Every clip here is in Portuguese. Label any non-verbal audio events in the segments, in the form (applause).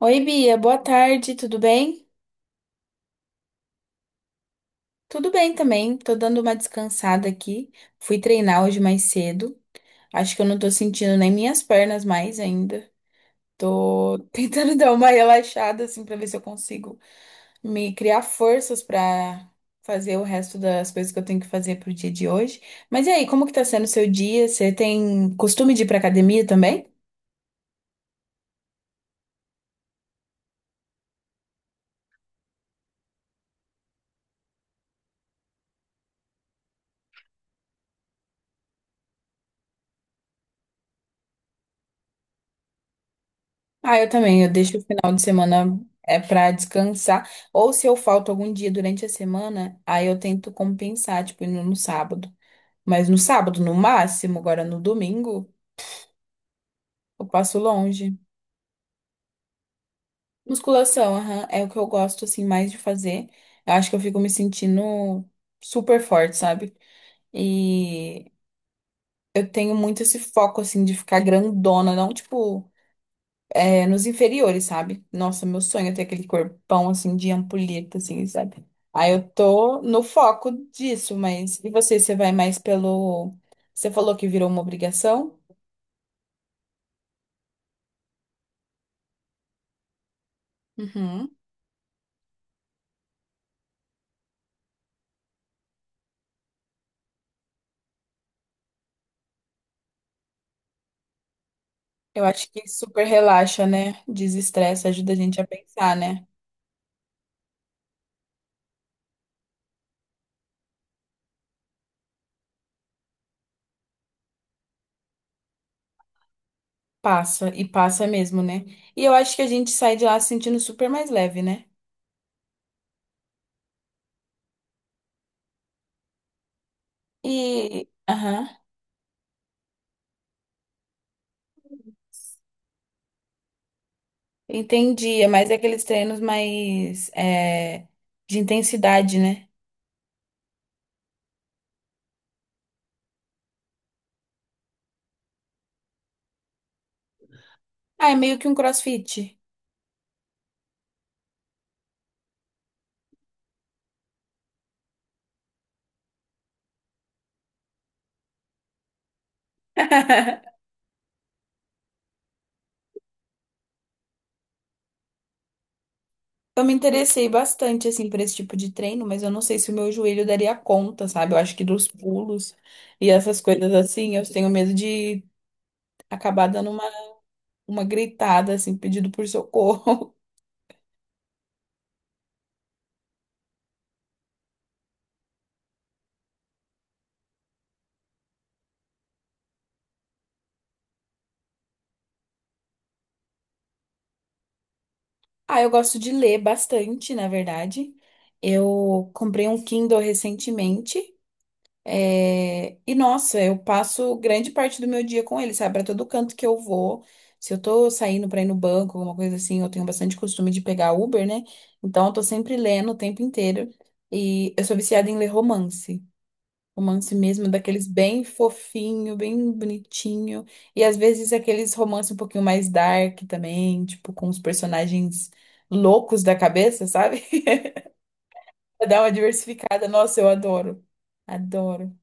Oi, Bia, boa tarde, tudo bem? Tudo bem também, tô dando uma descansada aqui. Fui treinar hoje mais cedo. Acho que eu não tô sentindo nem minhas pernas mais ainda. Tô (laughs) tentando dar uma relaxada assim pra ver se eu consigo me criar forças pra fazer o resto das coisas que eu tenho que fazer pro dia de hoje. Mas e aí, como que tá sendo o seu dia? Você tem costume de ir pra academia também? Ah, eu também. Eu deixo o final de semana é para descansar. Ou se eu falto algum dia durante a semana, aí eu tento compensar, tipo, indo no sábado. Mas no sábado, no máximo, agora no domingo, eu passo longe. Musculação, aham, é o que eu gosto, assim, mais de fazer. Eu acho que eu fico me sentindo super forte, sabe? E eu tenho muito esse foco, assim, de ficar grandona, não, tipo. É, nos inferiores, sabe? Nossa, meu sonho é ter aquele corpão assim de ampulheta, assim, sabe? Aí eu tô no foco disso, mas e você, você vai mais pelo. Você falou que virou uma obrigação? Uhum. Eu acho que super relaxa, né? Desestressa, ajuda a gente a pensar, né? Passa, e passa mesmo, né? E eu acho que a gente sai de lá se sentindo super mais leve, né? E. Aham. Entendi. É mais aqueles treinos mais. É, de intensidade, né? Ah, é meio que um crossfit. (laughs) Eu me interessei bastante, assim, por esse tipo de treino, mas eu não sei se o meu joelho daria conta, sabe? Eu acho que dos pulos e essas coisas assim, eu tenho medo de acabar dando uma gritada, assim, pedido por socorro. (laughs) Ah, eu gosto de ler bastante, na verdade. Eu comprei um Kindle recentemente. É, e nossa, eu passo grande parte do meu dia com ele, sabe? Pra todo canto que eu vou. Se eu tô saindo pra ir no banco, alguma coisa assim, eu tenho bastante costume de pegar Uber, né? Então eu tô sempre lendo o tempo inteiro. E eu sou viciada em ler romance. Romance mesmo, daqueles bem fofinho, bem bonitinho. E às vezes aqueles romances um pouquinho mais dark também, tipo, com os personagens loucos da cabeça, sabe? (laughs) Pra dar uma diversificada. Nossa, eu adoro. Adoro.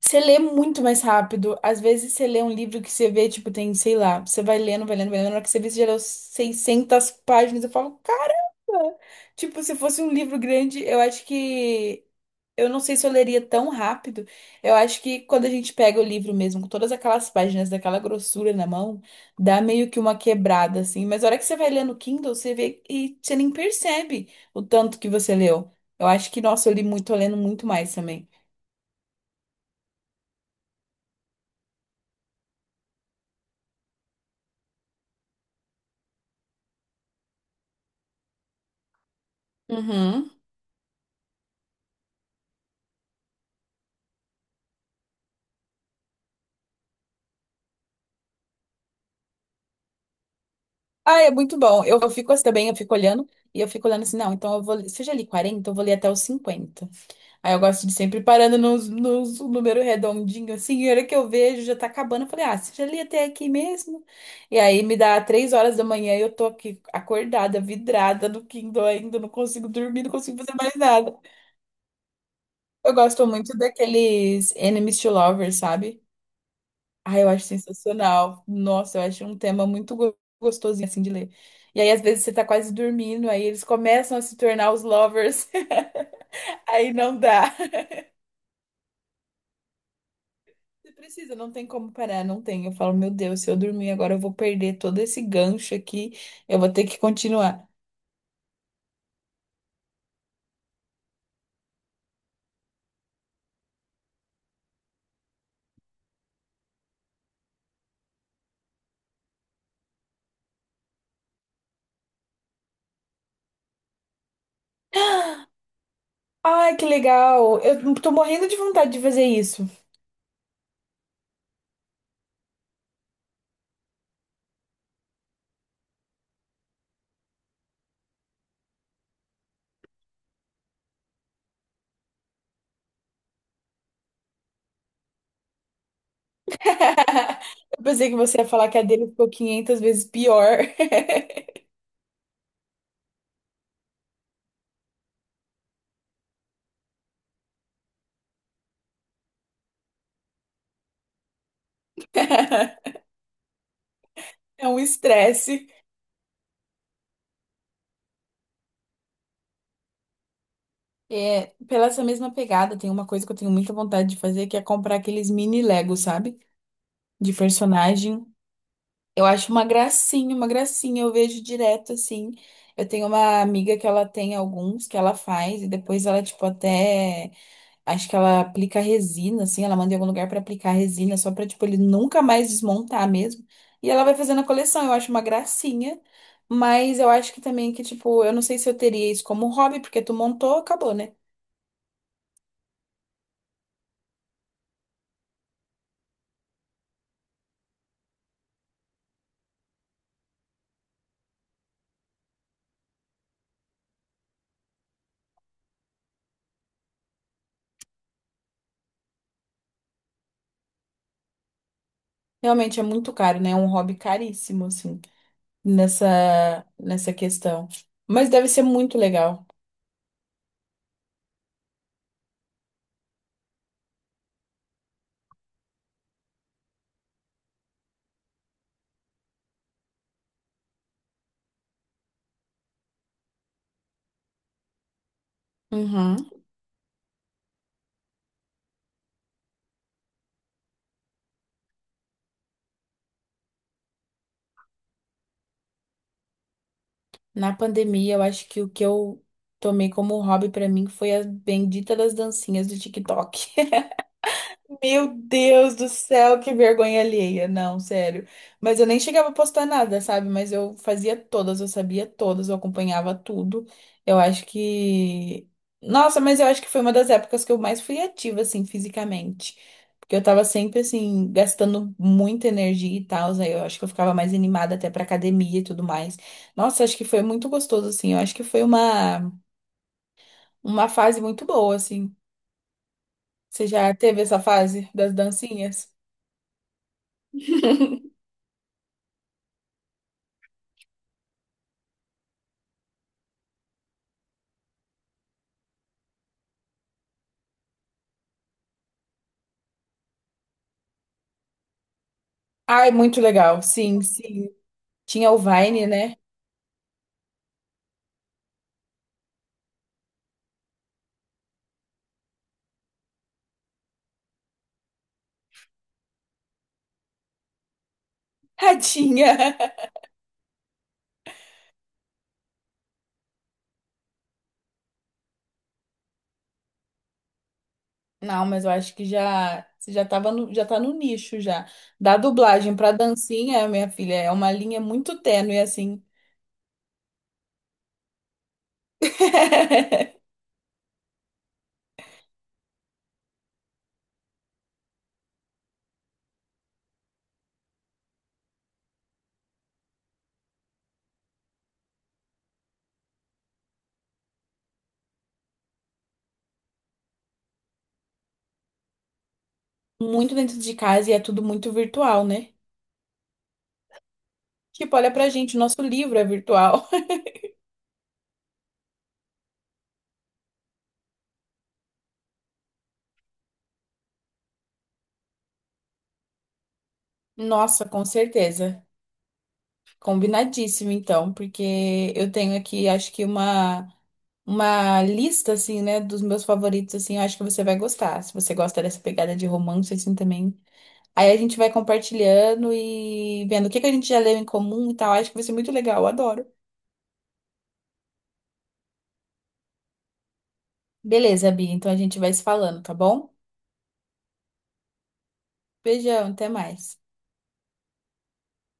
Você lê muito mais rápido. Às vezes você lê um livro que você vê, tipo, tem, sei lá, você vai lendo, vai lendo, vai lendo, na hora que você vê, você já leu 600 páginas. Eu falo, caramba! Tipo, se fosse um livro grande, eu acho que. Eu não sei se eu leria tão rápido. Eu acho que quando a gente pega o livro mesmo, com todas aquelas páginas daquela grossura na mão, dá meio que uma quebrada, assim. Mas a hora que você vai lendo o Kindle, você vê e você nem percebe o tanto que você leu. Eu acho que, nossa, eu li muito, tô lendo muito mais também. Uhum. Ah, é muito bom. Eu fico assim também, eu fico olhando e eu fico olhando assim, não, então eu vou, se eu já li 40, eu vou ler até os 50. Aí eu gosto de sempre parando nos um número redondinho, assim, e a hora que eu vejo já tá acabando, eu falei, ah, se eu já li até aqui mesmo. E aí me dá 3 horas da manhã e eu tô aqui acordada, vidrada no Kindle ainda, não consigo dormir, não consigo fazer mais nada. Eu gosto muito daqueles Enemies to Lovers, sabe? Ah, eu acho sensacional. Nossa, eu acho um tema muito gostosinho assim de ler. E aí, às vezes, você tá quase dormindo, aí eles começam a se tornar os lovers. (laughs) Aí não dá. (laughs) Você precisa, não tem como parar, não tem. Eu falo, meu Deus, se eu dormir agora, eu vou perder todo esse gancho aqui. Eu vou ter que continuar. (gasps) Ai, que legal! Eu tô morrendo de vontade de fazer isso. (laughs) Eu pensei que você ia falar que a dele ficou 500 vezes pior. (laughs) É um estresse. É, pela essa mesma pegada, tem uma coisa que eu tenho muita vontade de fazer, que é comprar aqueles mini Lego, sabe? De personagem. Eu acho uma gracinha, uma gracinha. Eu vejo direto assim. Eu tenho uma amiga que ela tem alguns que ela faz e depois ela, tipo, até. Acho que ela aplica resina, assim. Ela manda em algum lugar pra aplicar resina, só pra, tipo, ele nunca mais desmontar mesmo. E ela vai fazendo a coleção. Eu acho uma gracinha. Mas eu acho que também que, tipo, eu não sei se eu teria isso como hobby, porque tu montou, acabou, né? Realmente é muito caro, né? É um hobby caríssimo, assim, nessa questão. Mas deve ser muito legal. Uhum. Na pandemia, eu acho que o que eu tomei como hobby pra mim foi a bendita das dancinhas do TikTok. Meu Deus do céu, que vergonha alheia. Não, sério. Mas eu nem chegava a postar nada, sabe? Mas eu fazia todas, eu sabia todas, eu acompanhava tudo. Eu acho que. Nossa, mas eu acho que foi uma das épocas que eu mais fui ativa, assim, fisicamente. Porque eu tava sempre, assim, gastando muita energia e tal. Aí eu acho que eu ficava mais animada até pra academia e tudo mais. Nossa, acho que foi muito gostoso, assim. Eu acho que foi uma fase muito boa, assim. Você já teve essa fase das dancinhas? Ai, muito legal. Sim, sim. Tinha o Vine, né? (laughs) Ah, tinha. Não, mas eu acho que já você já tava já tá no nicho já. Da dublagem pra dancinha, minha filha, é uma linha muito tênue assim. (laughs) Muito dentro de casa e é tudo muito virtual, né? Tipo, olha pra gente, o nosso livro é virtual. (laughs) Nossa, com certeza. Combinadíssimo, então, porque eu tenho aqui, acho que uma lista, assim, né, dos meus favoritos, assim, eu acho que você vai gostar. Se você gosta dessa pegada de romance, assim, também. Aí a gente vai compartilhando e vendo o que que a gente já leu em comum e tal. Acho que vai ser muito legal, eu adoro. Beleza, Bia, então a gente vai se falando, tá bom? Beijão, até mais.